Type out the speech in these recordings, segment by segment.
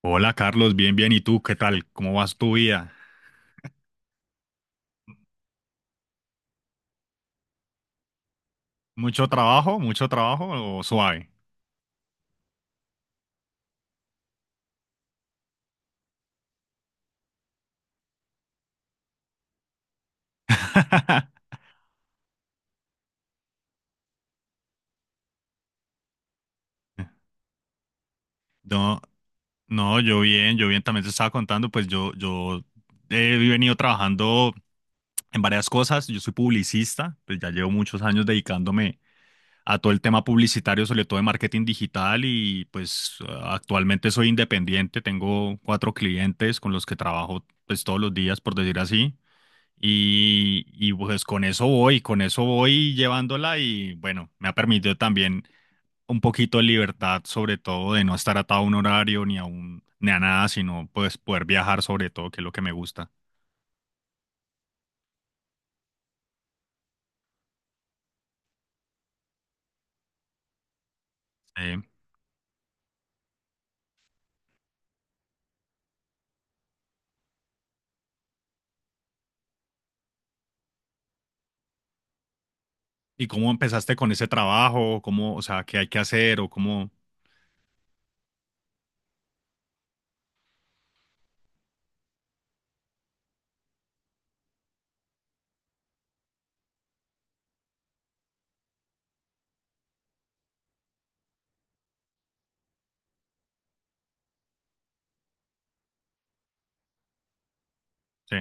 Hola Carlos, bien, bien. ¿Y tú qué tal? ¿Cómo vas tu vida? ¿Mucho trabajo? ¿Mucho trabajo o suave? No, no, yo bien, también te estaba contando, pues yo he venido trabajando en varias cosas, yo soy publicista, pues ya llevo muchos años dedicándome a todo el tema publicitario, sobre todo de marketing digital y pues actualmente soy independiente, tengo cuatro clientes con los que trabajo pues todos los días, por decir así. Y pues con eso voy llevándola y bueno, me ha permitido también un poquito de libertad, sobre todo de no estar atado a un horario ni a un, ni a nada, sino pues poder viajar sobre todo, que es lo que me gusta. Sí. ¿Y cómo empezaste con ese trabajo? ¿Cómo, o sea, qué hay que hacer o cómo? Sí.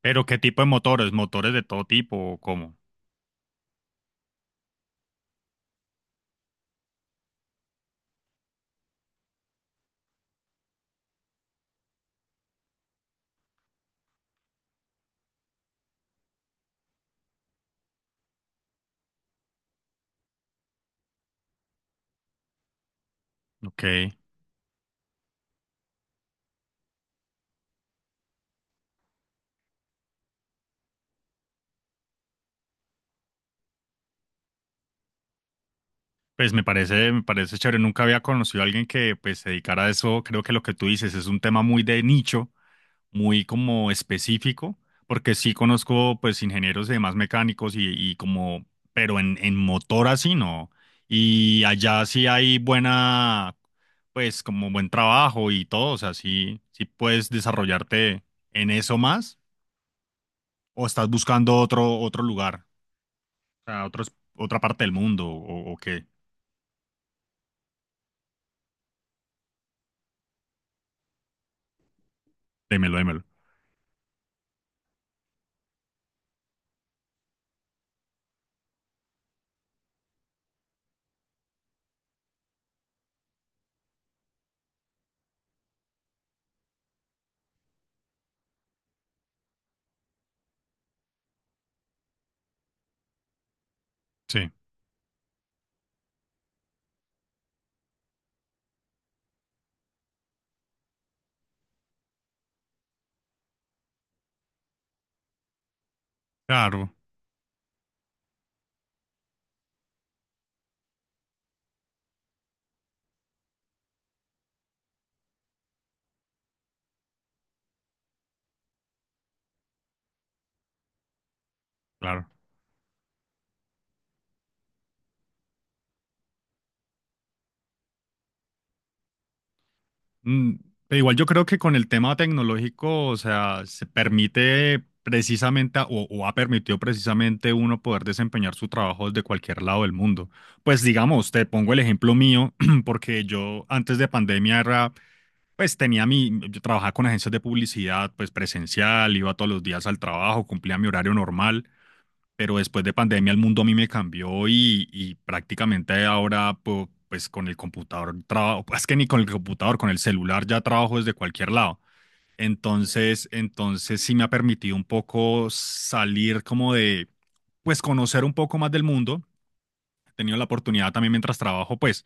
Pero ¿qué tipo de motores? ¿Motores de todo tipo o cómo? Ok. Pues me parece chévere. Nunca había conocido a alguien que pues se dedicara a eso. Creo que lo que tú dices es un tema muy de nicho muy como específico, porque sí conozco pues ingenieros y demás mecánicos y como, pero en motor así no. Y allá sí hay buena, pues como buen trabajo y todo, o sea, sí, sí puedes desarrollarte en eso más o estás buscando otro, otro lugar, o sea, otra parte del mundo o qué. Démelo, démelo. Sí, claro, claro. Mm, pero igual yo creo que con el tema tecnológico, o sea, se permite precisamente o ha permitido precisamente uno poder desempeñar su trabajo desde cualquier lado del mundo. Pues digamos, te pongo el ejemplo mío, porque yo antes de pandemia era, pues tenía mi, yo trabajaba con agencias de publicidad, pues presencial, iba todos los días al trabajo, cumplía mi horario normal pero después de pandemia el mundo a mí me cambió y prácticamente ahora pues con el computador trabajo, es que ni con el computador, con el celular ya trabajo desde cualquier lado. Entonces sí me ha permitido un poco salir como de, pues conocer un poco más del mundo. He tenido la oportunidad también mientras trabajo, pues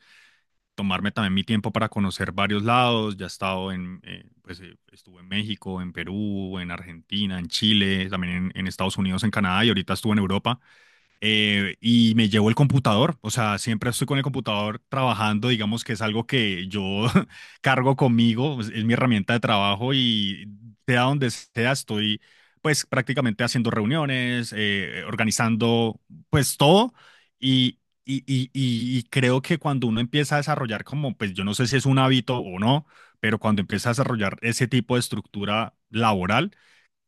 tomarme también mi tiempo para conocer varios lados. Ya he estado en, pues estuve en México, en Perú, en Argentina, en Chile, también en Estados Unidos, en Canadá y ahorita estuve en Europa y me llevo el computador, o sea, siempre estoy con el computador trabajando, digamos que es algo que yo cargo conmigo, es mi herramienta de trabajo y sea donde sea, estoy pues prácticamente haciendo reuniones, organizando pues todo y, y creo que cuando uno empieza a desarrollar como, pues yo no sé si es un hábito o no, pero cuando empieza a desarrollar ese tipo de estructura laboral,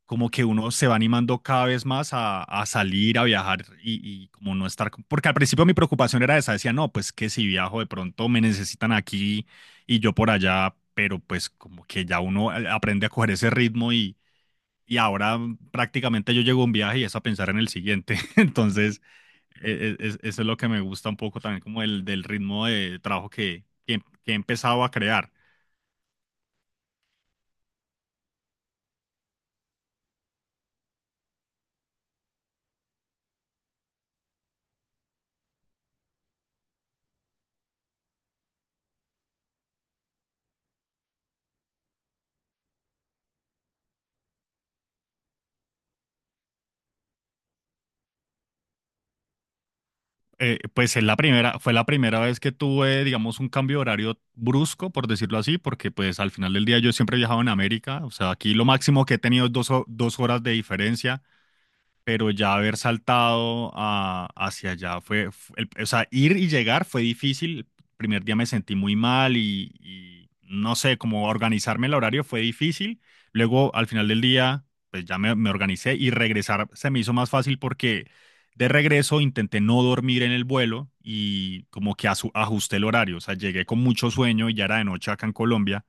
como que uno se va animando cada vez más a salir, a viajar y como no estar, porque al principio mi preocupación era esa, decía, no, pues que si viajo de pronto me necesitan aquí y yo por allá, pero pues como que ya uno aprende a coger ese ritmo y ahora prácticamente yo llego a un viaje y es a pensar en el siguiente, entonces eso es lo que me gusta un poco también como el del ritmo de trabajo que he empezado a crear. Pues es la primera, fue la primera vez que tuve, digamos, un cambio de horario brusco, por decirlo así, porque pues al final del día yo siempre he viajado en América, o sea, aquí lo máximo que he tenido es 2 horas de diferencia pero ya haber saltado hacia allá fue, o sea, ir y llegar fue difícil. El primer día me sentí muy mal y no sé, como organizarme el horario fue difícil. Luego, al final del día, pues ya me organicé y regresar se me hizo más fácil porque de regreso intenté no dormir en el vuelo y como que ajusté el horario. O sea, llegué con mucho sueño y ya era de noche acá en Colombia.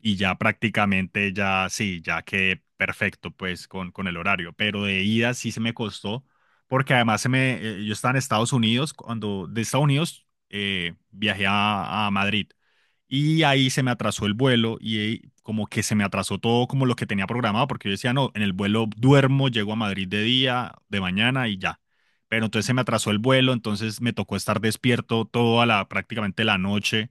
Y ya prácticamente ya sí, ya quedé perfecto pues con el horario, pero de ida sí se me costó, porque además se me, yo estaba en Estados Unidos, cuando de Estados Unidos viajé a Madrid y ahí se me atrasó el vuelo y ahí como que se me atrasó todo como lo que tenía programado, porque yo decía, no, en el vuelo duermo, llego a Madrid de día, de mañana y ya. Pero entonces se me atrasó el vuelo, entonces me tocó estar despierto toda la, prácticamente la noche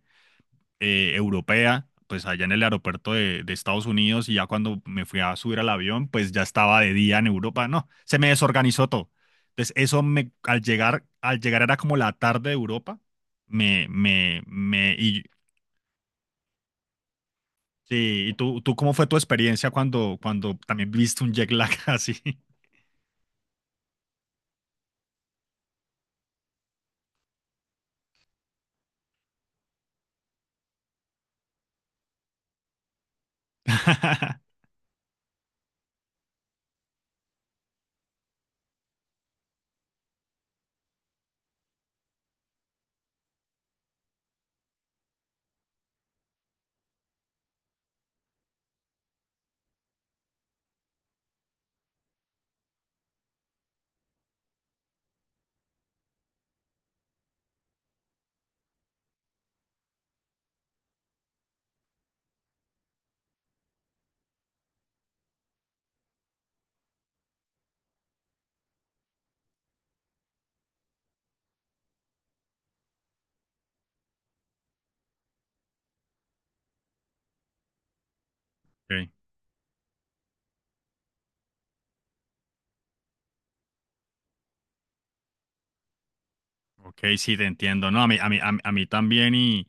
europea, pues allá en el aeropuerto de Estados Unidos y ya cuando me fui a subir al avión, pues ya estaba de día en Europa, no, se me desorganizó todo. Entonces eso me, al llegar era como la tarde de Europa, me, me, me, y, sí, ¿y tú cómo fue tu experiencia cuando, cuando también viste un jet lag así? Ok, ok, sí, te entiendo, no, a mí también y...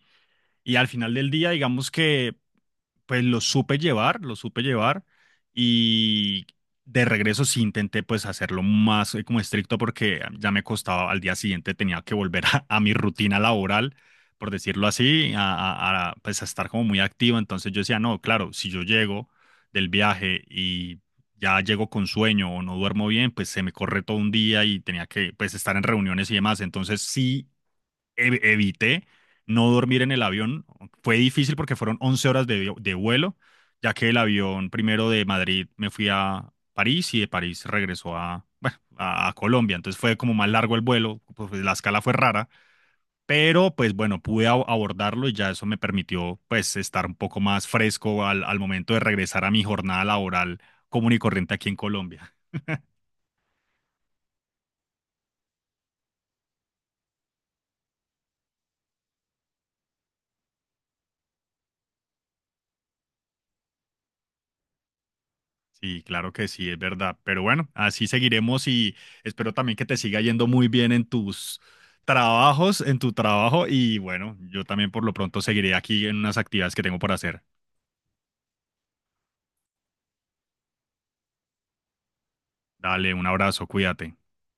Y al final del día, digamos que pues lo supe llevar y de regreso sí intenté pues hacerlo más como estricto porque ya me costaba, al día siguiente tenía que volver a mi rutina laboral, por decirlo así, pues a estar como muy activo. Entonces yo decía, no, claro, si yo llego del viaje y ya llego con sueño o no duermo bien, pues se me corre todo un día y tenía que pues estar en reuniones y demás. Entonces sí evité no dormir en el avión. Fue difícil porque fueron 11 horas de, de vuelo, ya que el avión primero de Madrid me fui a París y de París regresó bueno, a Colombia. Entonces fue como más largo el vuelo, la escala fue rara. Pero pues bueno, pude abordarlo y ya eso me permitió pues estar un poco más fresco al, al momento de regresar a mi jornada laboral común y corriente aquí en Colombia. Sí, claro que sí, es verdad. Pero bueno, así seguiremos y espero también que te siga yendo muy bien en tus trabajos, en tu trabajo. Y bueno, yo también por lo pronto seguiré aquí en unas actividades que tengo por hacer. Dale, un abrazo, cuídate.